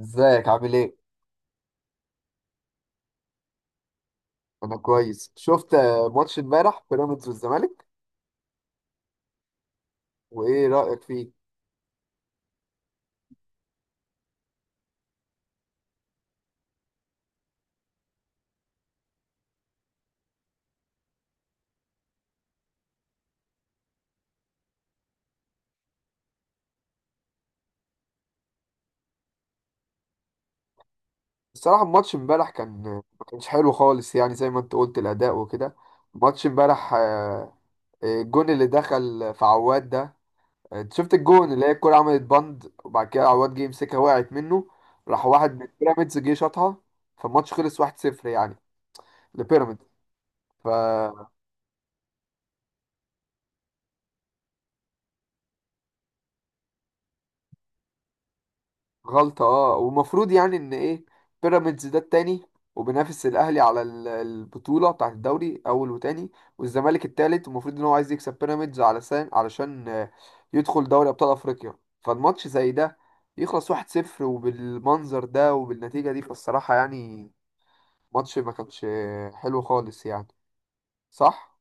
ازيك عامل ايه؟ انا كويس. شفت ماتش امبارح بيراميدز والزمالك. وايه رأيك فيه؟ الصراحة، الماتش امبارح كان ما كانش حلو خالص، يعني زي ما انت قلت الأداء وكده. ماتش امبارح، الجون اللي دخل في عواد ده. انت شفت الجون اللي هي الكرة عملت بند، وبعد كده عواد جه يمسكها وقعت منه. راح واحد من بيراميدز جه شاطها. فالماتش خلص 1-0، يعني لبيراميدز. غلطة، اه، ومفروض يعني ان ايه، بيراميدز ده التاني وبينافس الاهلي على البطولة بتاعة الدوري، اول وتاني. والزمالك التالت، ومفروض ان هو عايز يكسب بيراميدز علشان يدخل دوري ابطال افريقيا. فالماتش زي ده يخلص 1-0، وبالمنظر ده وبالنتيجة دي، فالصراحة يعني ماتش ما كانش حلو خالص يعني. صح؟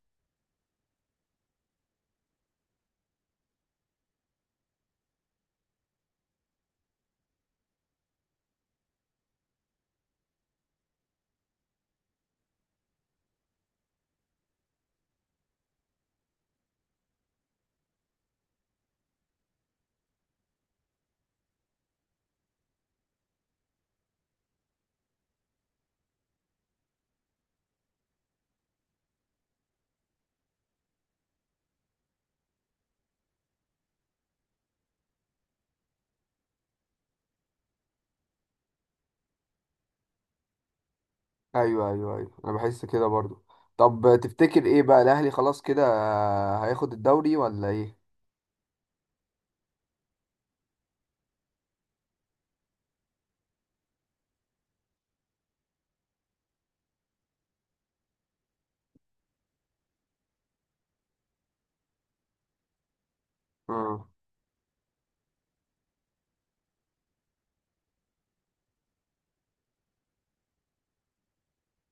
ايوه، ايوه، ايوه، انا بحس كده برضو. طب تفتكر ايه بقى، الاهلي خلاص كده هياخد الدوري ولا ايه؟ مم.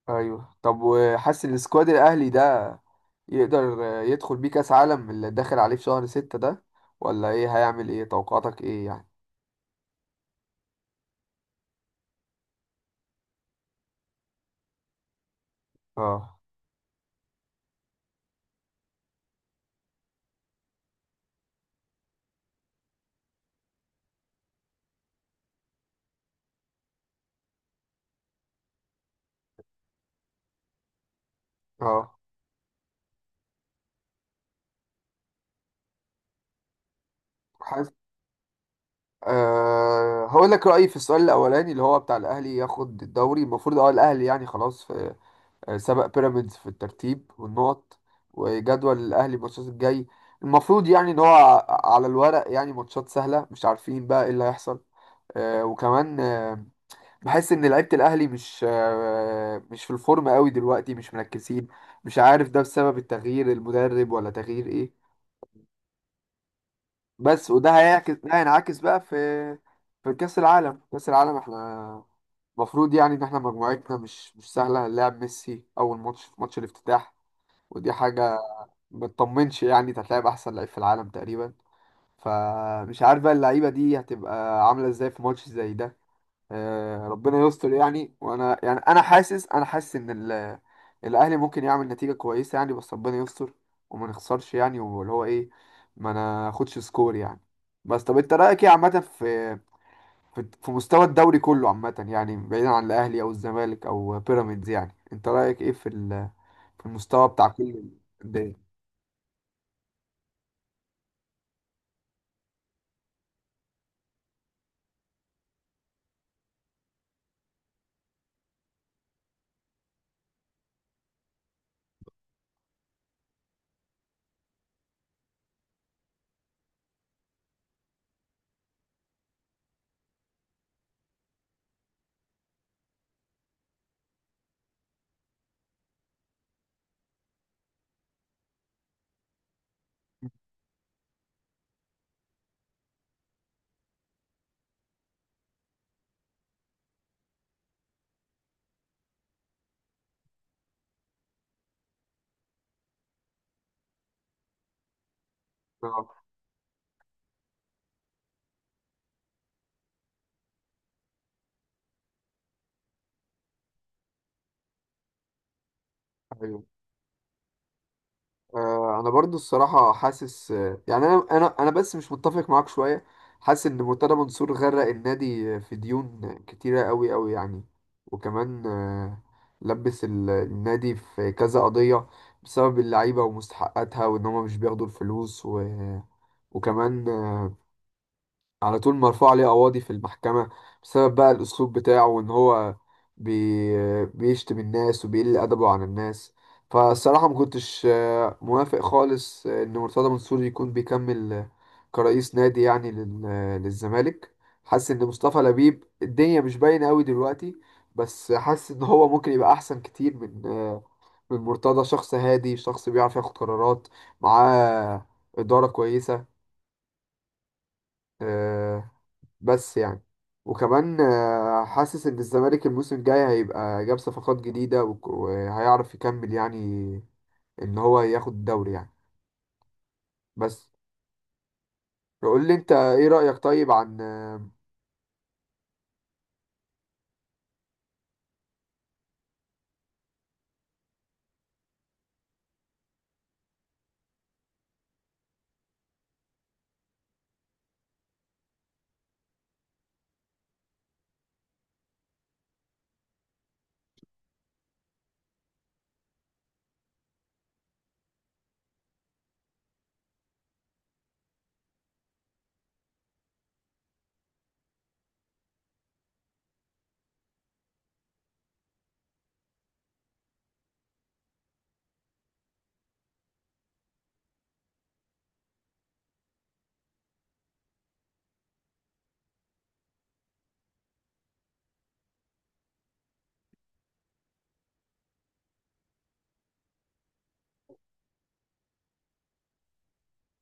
ايوه، طب وحاسس ان السكواد الاهلي ده يقدر يدخل بيه كاس عالم اللي داخل عليه في شهر 6 ده، ولا ايه هيعمل، ايه توقعاتك ايه يعني؟ اه، اه، حاسس. هقول لك رأيي في السؤال الأولاني، اللي هو بتاع الأهلي ياخد الدوري. المفروض اه الأهلي يعني خلاص، في سبق بيراميدز في الترتيب والنقط. وجدول الأهلي الماتشات الجاي، المفروض يعني إن هو على الورق يعني ماتشات سهلة. مش عارفين بقى إيه اللي هيحصل. وكمان بحس ان لعيبه الاهلي مش في الفورم قوي دلوقتي، مش مركزين. مش عارف ده بسبب التغيير المدرب، ولا تغيير ايه. بس وده هيعكس ده هينعكس بقى في كاس العالم. كاس العالم احنا المفروض يعني ان احنا مجموعتنا مش سهله. هنلاعب ميسي اول ماتش في ماتش الافتتاح. ودي حاجه ما تطمنش، يعني انت هتلاعب احسن لعيب في العالم تقريبا. فمش عارف بقى اللعيبه دي هتبقى عامله ازاي في ماتش زي ده. ربنا يستر يعني، وانا يعني انا حاسس ان الاهلي ممكن يعمل نتيجه كويسه، يعني بس ربنا يستر. وما نخسرش، يعني واللي هو ايه، ما ناخدش سكور يعني. بس طب انت رايك ايه عامه في مستوى الدوري كله عامه، يعني بعيدا عن الاهلي او الزمالك او بيراميدز، يعني انت رايك ايه في المستوى بتاع كل الدنيا؟ اه. انا برضو الصراحه حاسس يعني انا بس مش متفق معاك شويه. حاسس ان مرتضى منصور غرق النادي في ديون كتيره قوي قوي يعني. وكمان لبس النادي في كذا قضيه بسبب اللعيبه ومستحقاتها وان هم مش بياخدوا الفلوس وكمان على طول مرفوع عليه قواضي في المحكمة، بسبب بقى الأسلوب بتاعه وإن هو بيشتم الناس وبيقل أدبه عن الناس. فالصراحة ما كنتش موافق خالص إن مرتضى منصور يكون بيكمل كرئيس نادي، يعني لل... آه، للزمالك. حاسس إن مصطفى لبيب الدنيا مش باينة أوي دلوقتي، بس حاسس إن هو ممكن يبقى أحسن كتير من مرتضى. شخص هادي، شخص بيعرف ياخد قرارات، معاه إدارة كويسة، آه، بس يعني. وكمان حاسس ان الزمالك الموسم الجاي هيبقى جاب صفقات جديدة وهيعرف يكمل، يعني ان هو ياخد الدوري يعني. بس قول لي انت، ايه رأيك طيب عن.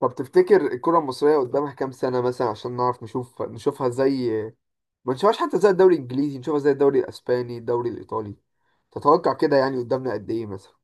طب تفتكر الكرة المصرية قدامها كام سنة مثلا، عشان نعرف نشوفها زي، ما نشوفهاش حتى زي الدوري الانجليزي، نشوفها زي الدوري الاسباني الدوري الايطالي. تتوقع كده يعني قدامنا قد ايه مثلا؟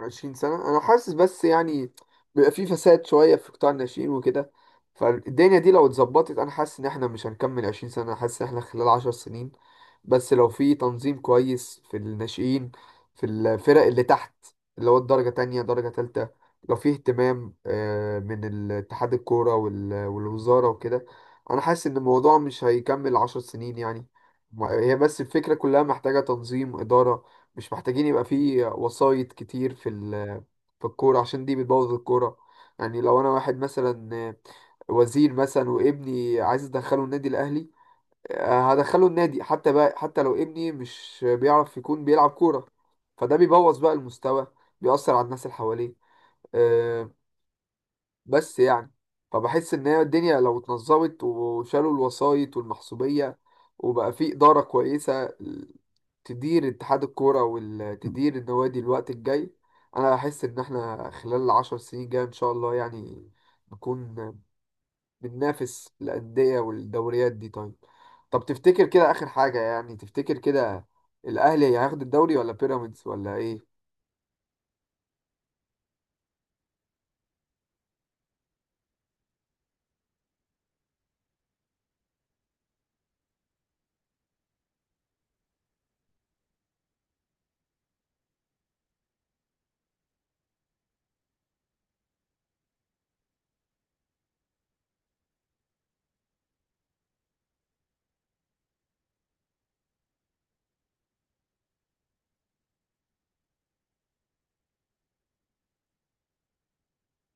20 سنة، أنا حاسس، بس يعني بيبقى في فساد شوية في قطاع الناشئين وكده. فالدنيا دي لو اتظبطت أنا حاسس إن إحنا مش هنكمل 20 سنة، أنا حاسس إن إحنا خلال 10 سنين، بس لو في تنظيم كويس في الناشئين، في الفرق اللي تحت، اللي هو الدرجة تانية درجة تالتة، لو في اهتمام من اتحاد الكورة والوزارة وكده، أنا حاسس إن الموضوع مش هيكمل 10 سنين يعني. هي بس الفكرة كلها محتاجة تنظيم إدارة. مش محتاجين يبقى في وسايط كتير في الكورة، عشان دي بتبوظ الكورة. يعني لو انا واحد مثلا وزير مثلا، وابني عايز ادخله النادي الاهلي، هدخله النادي حتى، بقى، حتى لو ابني مش بيعرف يكون بيلعب كورة. فده بيبوظ بقى المستوى، بيأثر على الناس اللي حواليه، آه، بس يعني. فبحس ان هي الدنيا لو اتنظمت وشالوا الوسائط والمحسوبية، وبقى في إدارة كويسة تدير اتحاد الكورة وتدير النوادي الوقت الجاي، انا بحس ان احنا خلال العشر سنين جاية ان شاء الله يعني نكون بننافس الأندية والدوريات دي. طيب، طب تفتكر كده آخر حاجة، يعني تفتكر كده الأهلي هياخد الدوري ولا بيراميدز ولا ايه؟